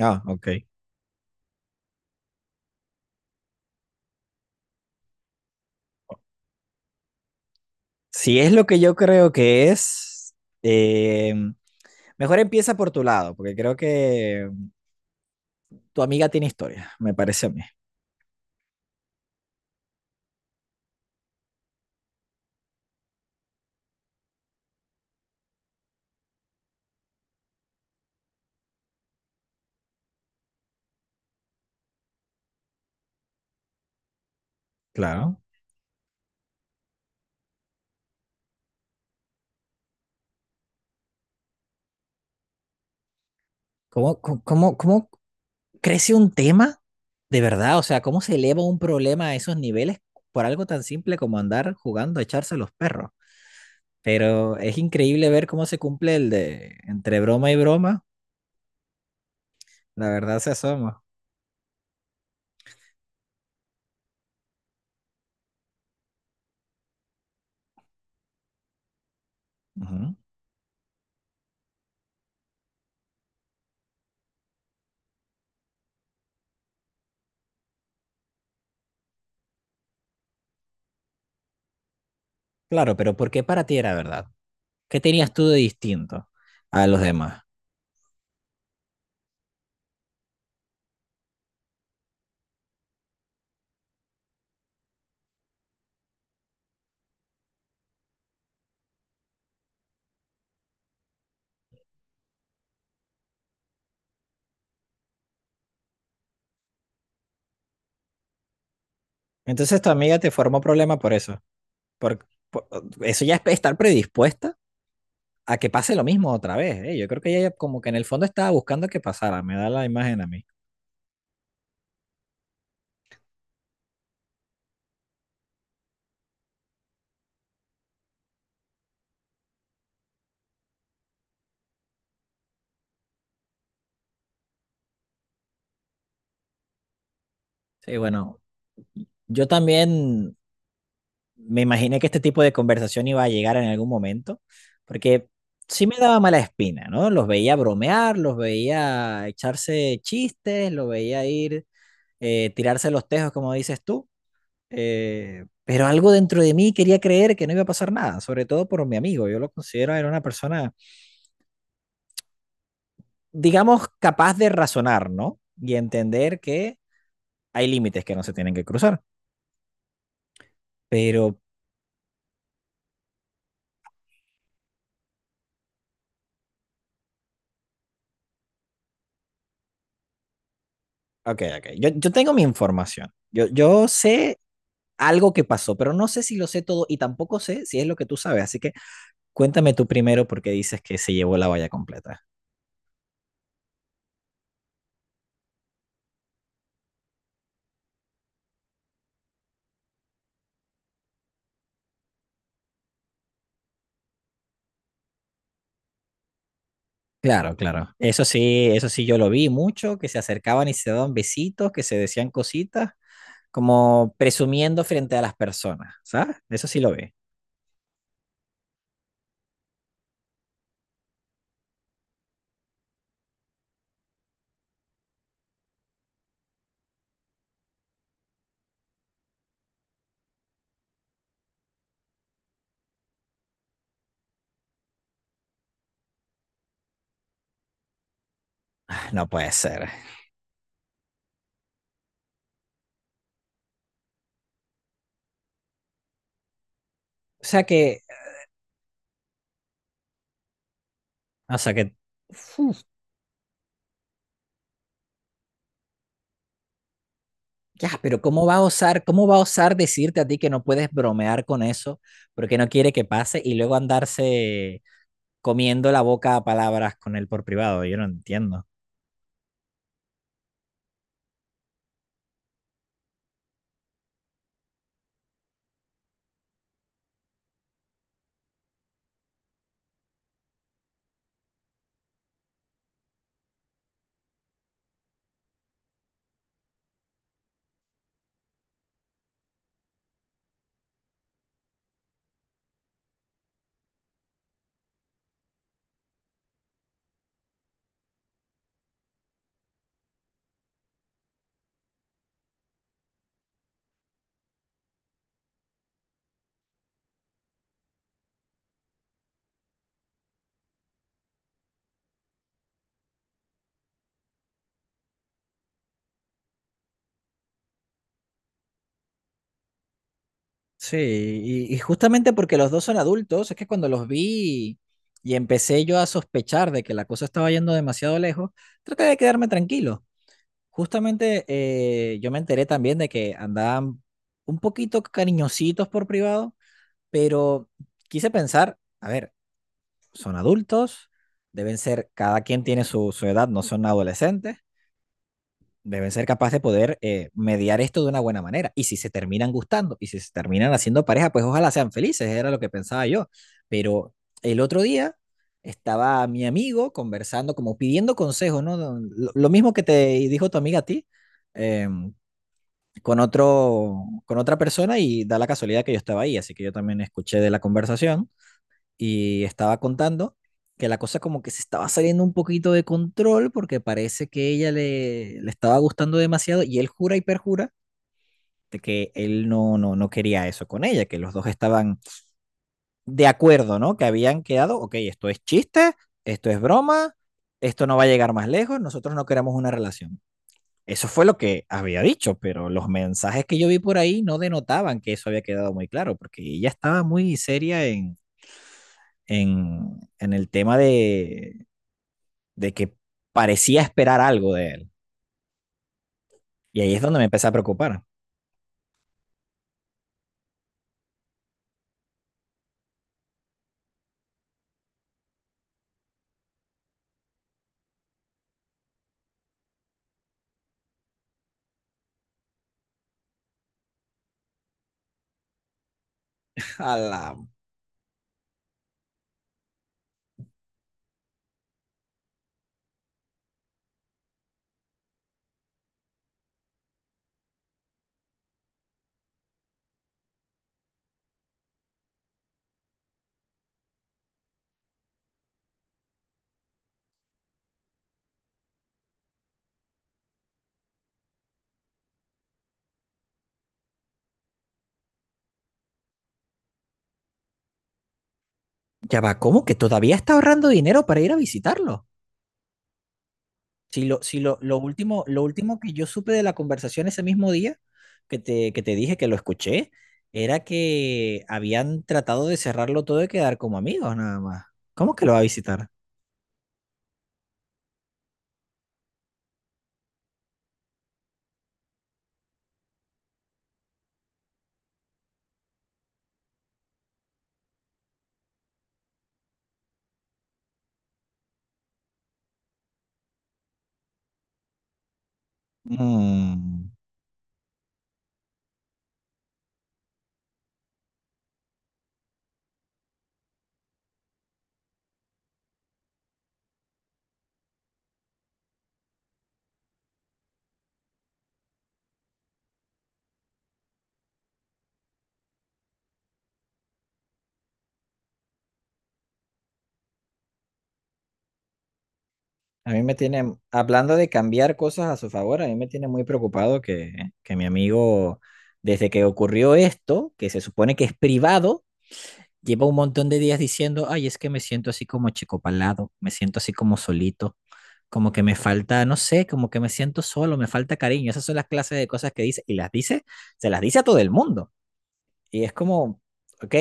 Ah, ok. Si es lo que yo creo que es, eh, mejor empieza por tu lado, porque creo que tu amiga tiene historia, me parece a mí. Claro. ¿Cómo crece un tema de verdad? O sea, ¿cómo se eleva un problema a esos niveles por algo tan simple como andar jugando a echarse a los perros? Pero es increíble ver cómo se cumple el de entre broma y broma, la verdad se asoma. Ujú. Claro, pero ¿por qué para ti era verdad? ¿Qué tenías tú de distinto a los demás? Entonces tu amiga te formó problema por eso. Por, por- Eso ya es estar predispuesta a que pase lo mismo otra vez, ¿eh? Yo creo que ella como que en el fondo estaba buscando que pasara, me da la imagen a mí. Sí, bueno, yo también me imaginé que este tipo de conversación iba a llegar en algún momento, porque sí me daba mala espina, ¿no? Los veía bromear, los veía echarse chistes, los veía ir, tirarse los tejos, como dices tú. Pero algo dentro de mí quería creer que no iba a pasar nada, sobre todo por mi amigo. Yo lo considero era una persona, digamos, capaz de razonar, ¿no? Y entender que hay límites que no se tienen que cruzar. Pero, ok, ok. Yo tengo mi información. Yo sé algo que pasó, pero no sé si lo sé todo y tampoco sé si es lo que tú sabes. Así que cuéntame tú primero porque dices que se llevó la valla completa. Claro, claro. Eso sí yo lo vi mucho, que se acercaban y se daban besitos, que se decían cositas, como presumiendo frente a las personas, ¿sabes? Eso sí lo vi. Ah, no puede ser. Sea que, o sea que, uf, ya, pero ¿cómo va a osar, cómo va a osar decirte a ti que no puedes bromear con eso porque no quiere que pase y luego andarse comiendo la boca a palabras con él por privado? Yo no entiendo. Sí, y justamente porque los dos son adultos, es que cuando los vi y empecé yo a sospechar de que la cosa estaba yendo demasiado lejos, traté de quedarme tranquilo. Justamente yo me enteré también de que andaban un poquito cariñositos por privado, pero quise pensar, a ver, son adultos, deben ser, cada quien tiene su edad, no son adolescentes, deben ser capaces de poder mediar esto de una buena manera. Y si se terminan gustando y si se terminan haciendo pareja, pues ojalá sean felices, era lo que pensaba yo. Pero el otro día estaba mi amigo conversando, como pidiendo consejos, ¿no? Lo mismo que te dijo tu amiga a ti. em, con otro, con otra persona y da la casualidad que yo estaba ahí, así que yo también escuché de la conversación y estaba contando que la cosa como que se estaba saliendo un poquito de control porque parece que ella le, le estaba gustando demasiado y él jura y perjura de que él no quería eso con ella, que los dos estaban de acuerdo, ¿no? Que habían quedado, ok, esto es chiste, esto es broma, esto no va a llegar más lejos, nosotros no queremos una relación. Eso fue lo que había dicho, pero los mensajes que yo vi por ahí no denotaban que eso había quedado muy claro, porque ella estaba muy seria en el tema de que parecía esperar algo de él. Y ahí es donde me empecé a preocupar. A la- ya va, ¿cómo que todavía está ahorrando dinero para ir a visitarlo? Si lo último, lo último que yo supe de la conversación ese mismo día, que te dije que lo escuché, era que habían tratado de cerrarlo todo y quedar como amigos nada más. ¿Cómo que lo va a visitar? Mm, A mí me tiene, hablando de cambiar cosas a su favor, a mí me tiene muy preocupado que mi amigo, desde que ocurrió esto, que se supone que es privado, lleva un montón de días diciendo, ay, es que me siento así como achicopalado, me siento así como solito, como que me falta, no sé, como que me siento solo, me falta cariño. Esas son las clases de cosas que dice y las dice, se las dice a todo el mundo. Y es como, ok,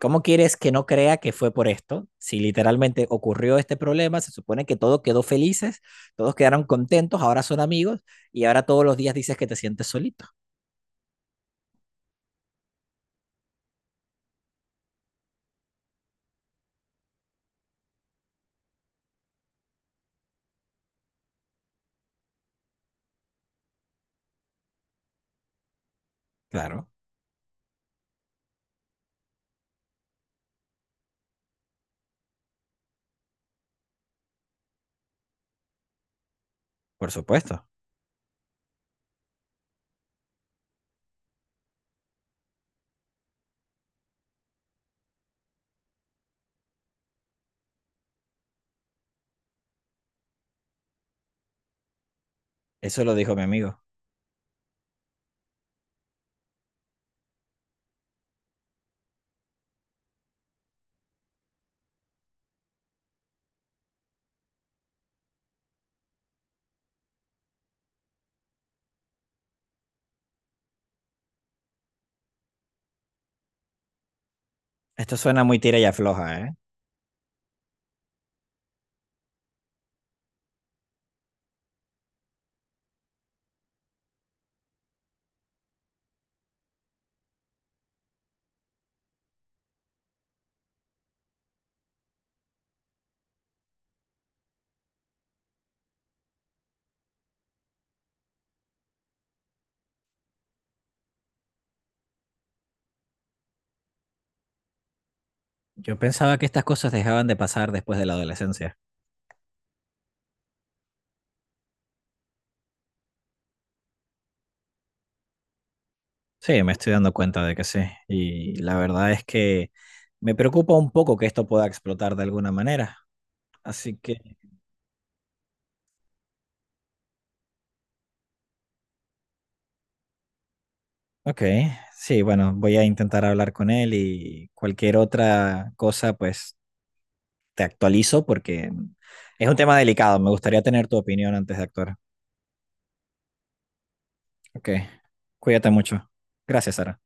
¿cómo quieres que no crea que fue por esto? Si literalmente ocurrió este problema, se supone que todo quedó felices, todos quedaron contentos, ahora son amigos y ahora todos los días dices que te sientes solito. Claro, por supuesto. Eso lo dijo mi amigo. Esto suena muy tira y afloja, ¿eh? Yo pensaba que estas cosas dejaban de pasar después de la adolescencia. Sí, me estoy dando cuenta de que sí. Y la verdad es que me preocupa un poco que esto pueda explotar de alguna manera. Así que, ok, sí, bueno, voy a intentar hablar con él y cualquier otra cosa, pues te actualizo porque es un tema delicado. Me gustaría tener tu opinión antes de actuar. Ok, cuídate mucho. Gracias, Sara.